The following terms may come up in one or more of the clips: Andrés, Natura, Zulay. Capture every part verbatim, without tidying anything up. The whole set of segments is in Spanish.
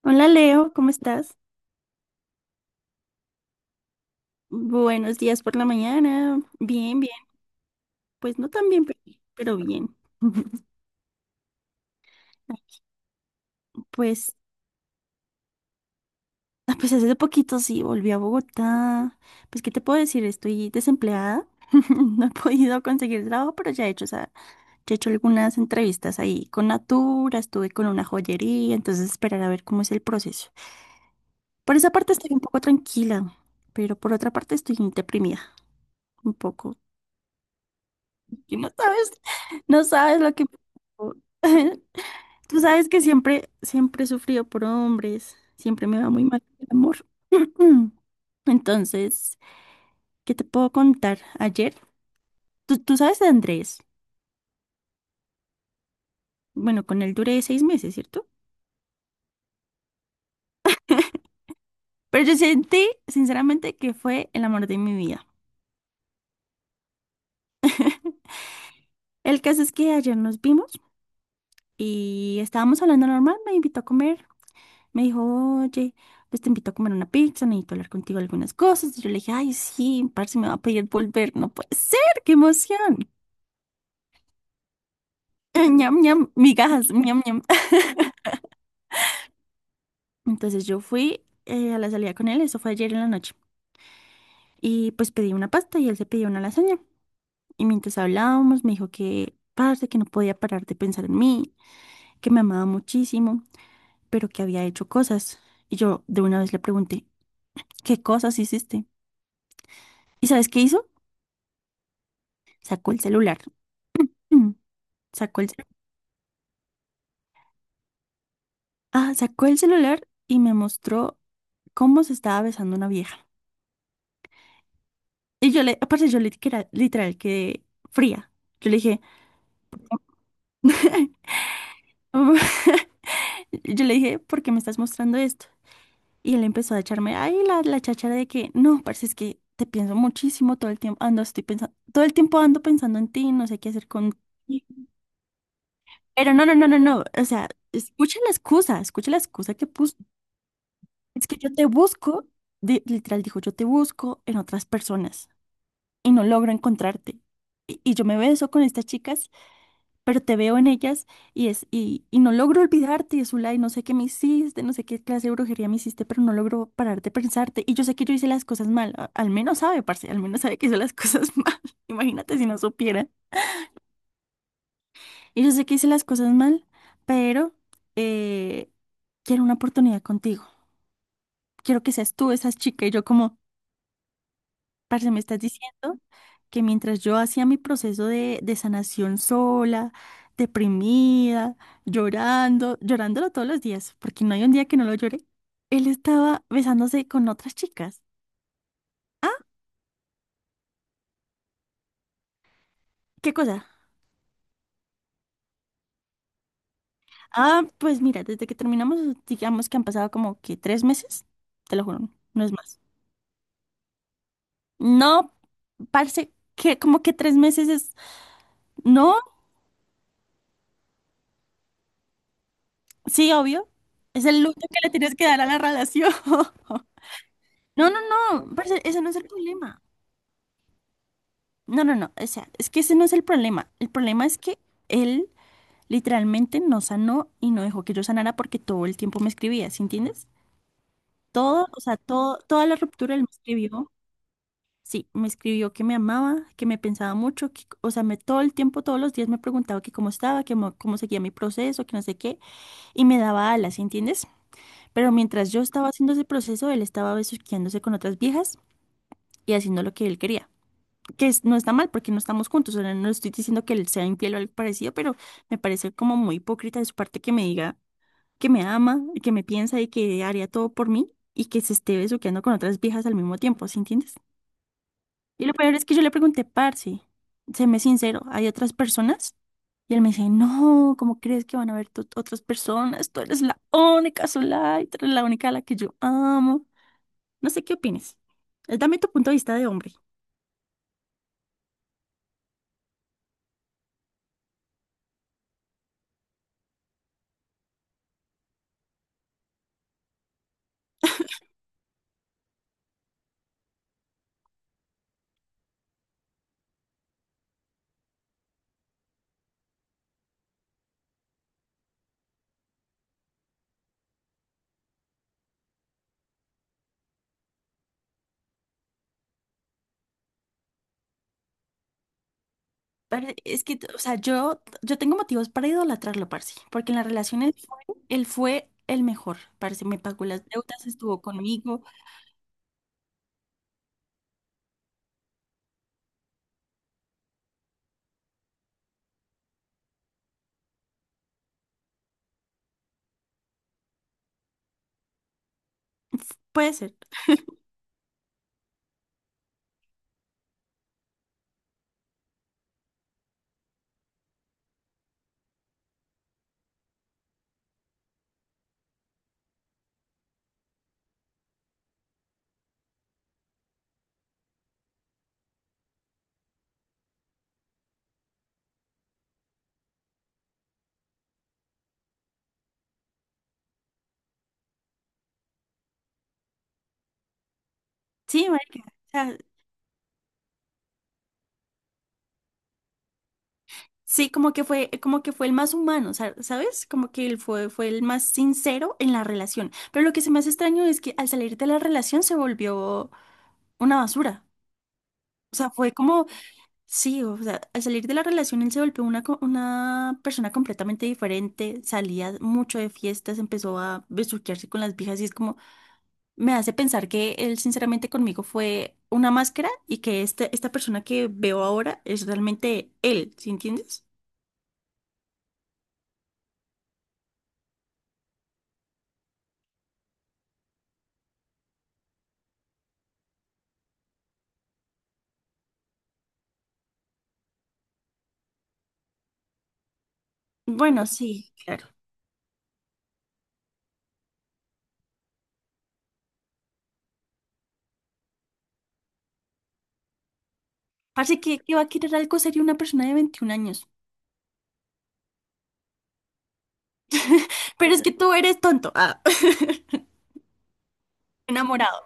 Hola Leo, ¿cómo estás? Buenos días por la mañana. Bien, bien. Pues no tan bien, pero pero bien. Pues, ah, pues hace poquito sí, volví a Bogotá. Pues, ¿qué te puedo decir? Estoy desempleada. No he podido conseguir trabajo, pero ya he hecho, o sea, ya he hecho algunas entrevistas ahí con Natura, estuve con una joyería, entonces esperar a ver cómo es el proceso. Por esa parte estoy un poco tranquila, pero por otra parte estoy deprimida, un poco. Y no sabes, no sabes lo que... Tú sabes que siempre, siempre he sufrido por hombres, siempre me va muy mal el amor. Entonces, ¿qué te puedo contar? Ayer, tú, tú sabes de Andrés, bueno, con él duré seis meses, ¿cierto? Pero yo sentí, sinceramente, que fue el amor de mi vida. El caso es que ayer nos vimos y estábamos hablando normal, me invitó a comer, me dijo, oye, pues te invito a comer una pizza, necesito hablar contigo algunas cosas. Y yo le dije, ay, sí, parce, me va a pedir volver, no puede ser, qué emoción. Eh, ñam, ñam, migajas, ñam, ñam. Entonces yo fui eh, a la salida con él, eso fue ayer en la noche. Y pues pedí una pasta y él se pidió una lasaña. Y mientras hablábamos, me dijo que, parce, que no podía parar de pensar en mí, que me amaba muchísimo, pero que había hecho cosas. Y yo de una vez le pregunté, ¿qué cosas hiciste? ¿Y sabes qué hizo? Sacó el celular. Sacó el, celu- ah, sacó el celular y me mostró cómo se estaba besando una vieja. Y yo le, aparte yo le literal, literal quedé fría. Yo le dije, yo le dije, ¿por qué me estás mostrando esto? Y él empezó a echarme ahí la, la cháchara de que, no, parce, es que te pienso muchísimo todo el tiempo, ando, estoy pensando, todo el tiempo ando pensando en ti, no sé qué hacer con. Pero no, no, no, no, no, o sea, escucha la excusa, escucha la excusa que puso. Es que yo te busco, di- literal dijo, yo te busco en otras personas y no logro encontrarte. Y, y yo me beso con estas chicas pero te veo en ellas y es y, y no logro olvidarte, Zulay, no sé qué me hiciste, no sé qué clase de brujería me hiciste, pero no logro parar de pensarte. Y yo sé que yo hice las cosas mal, a- al menos sabe, parce, al menos sabe que hice las cosas mal. Imagínate si no supiera. Y yo sé que hice las cosas mal, pero eh, quiero una oportunidad contigo. Quiero que seas tú esa chica y yo como... Parce, me estás diciendo que mientras yo hacía mi proceso de, de sanación sola, deprimida, llorando, llorándolo todos los días, porque no hay un día que no lo llore, él estaba besándose con otras chicas. ¿Ah? ¿Qué cosa? Ah, pues mira, desde que terminamos, digamos que han pasado como que tres meses, te lo juro, no es más. No, parce, que como que tres meses es... No, sí, obvio, es el luto que le tienes que dar a la relación. No, no, no, parce, ese no es el problema. No, no, no, o sea, es que ese no es el problema. El problema es que él literalmente no sanó y no dejó que yo sanara porque todo el tiempo me escribía, ¿sí entiendes? Todo, o sea, todo, toda la ruptura él me escribió, sí, me escribió que me amaba, que me pensaba mucho, que, o sea, me, todo el tiempo, todos los días me preguntaba que cómo estaba, que mo- cómo seguía mi proceso, que no sé qué, y me daba alas, ¿sí entiendes? Pero mientras yo estaba haciendo ese proceso, él estaba besuqueándose con otras viejas y haciendo lo que él quería. que es- no está mal porque no estamos juntos. O sea, no estoy diciendo que él sea infiel o algo parecido, pero me parece como muy hipócrita de su parte que me diga que me ama, que me piensa y que haría todo por mí y que se esté besuqueando con otras viejas al mismo tiempo, ¿sí entiendes? Y lo peor es que yo le pregunté, parce, séme sincero, ¿hay otras personas? Y él me dice, no, ¿cómo crees que van a haber tu- otras personas? Tú eres la única sola y tú eres la única a la que yo amo. No sé qué opines. Eh, Dame tu punto de vista de hombre. Pero es que, o sea, yo, yo tengo motivos para idolatrarlo, parce, porque en las relaciones fue- él fue el mejor, parce, me pagó las deudas, estuvo conmigo. F- Puede ser. Sí, marica, o sea, sí, como que fue, como que fue el más humano, sa- ¿sabes? Como que él fue, fue el más sincero en la relación. Pero lo que se me hace extraño es que al salir de la relación se volvió una basura. O sea, fue como. Sí, o sea, al salir de la relación él se volvió una, co- una persona completamente diferente, salía mucho de fiestas, empezó a besuquearse con las viejas y es como, me hace pensar que él sinceramente conmigo fue una máscara y que este, esta persona que veo ahora es realmente él, ¿sí entiendes? Bueno, sí, claro. Parece que, que va a querer algo serio una persona de veintiún años. Pero es que tú eres tonto. Ah. Enamorado.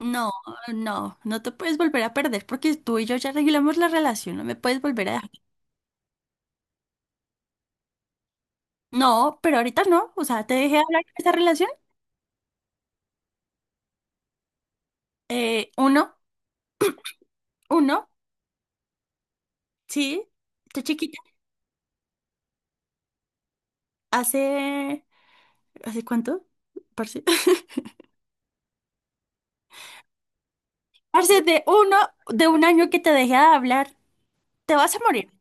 No, no, no te puedes volver a perder porque tú y yo ya regulamos la relación, no me puedes volver a dejar. No, pero ahorita no, o sea, te dejé hablar de esa relación. Eh, uno, uno, sí, estoy chiquita. Hace, ¿hace cuánto? Parce. Parce, de uno, de un año que te dejé de hablar, te vas a morir.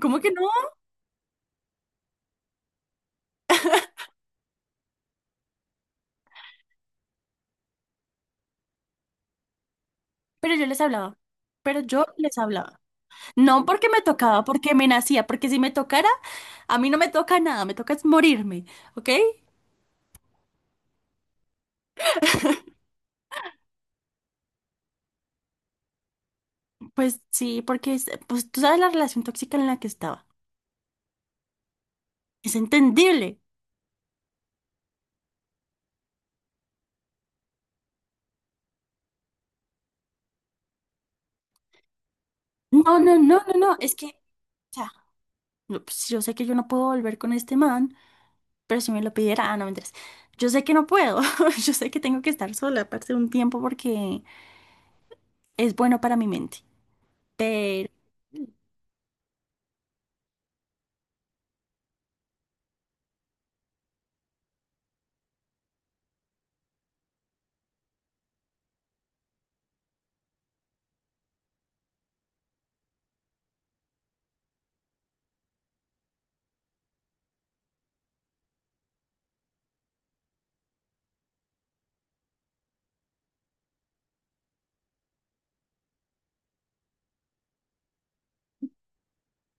¿Cómo que no? Pero yo les hablaba, pero yo les hablaba. No porque me tocaba, porque me nacía, porque si me tocara, a mí no me toca nada, me toca es morirme, ¿ok? Pues sí, porque es- pues tú sabes la relación tóxica en la que estaba. Es entendible. No, no, no, no, no. Es que, o sea, no, pues, yo sé que yo no puedo volver con este man, pero si me lo pidiera, ah, no, mentiras. Yo sé que no puedo. Yo sé que tengo que estar sola, aparte de un tiempo, porque es bueno para mi mente. Pero,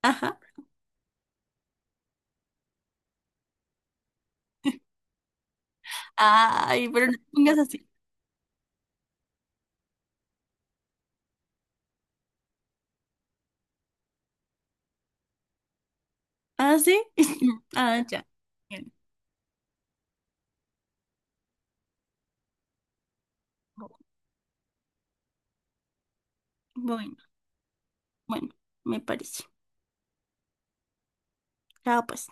ajá. Ay, pero no te pongas así. ¿Ah, sí? Ah, ya. Bien. Bueno, bueno, me parece. Chao, pues.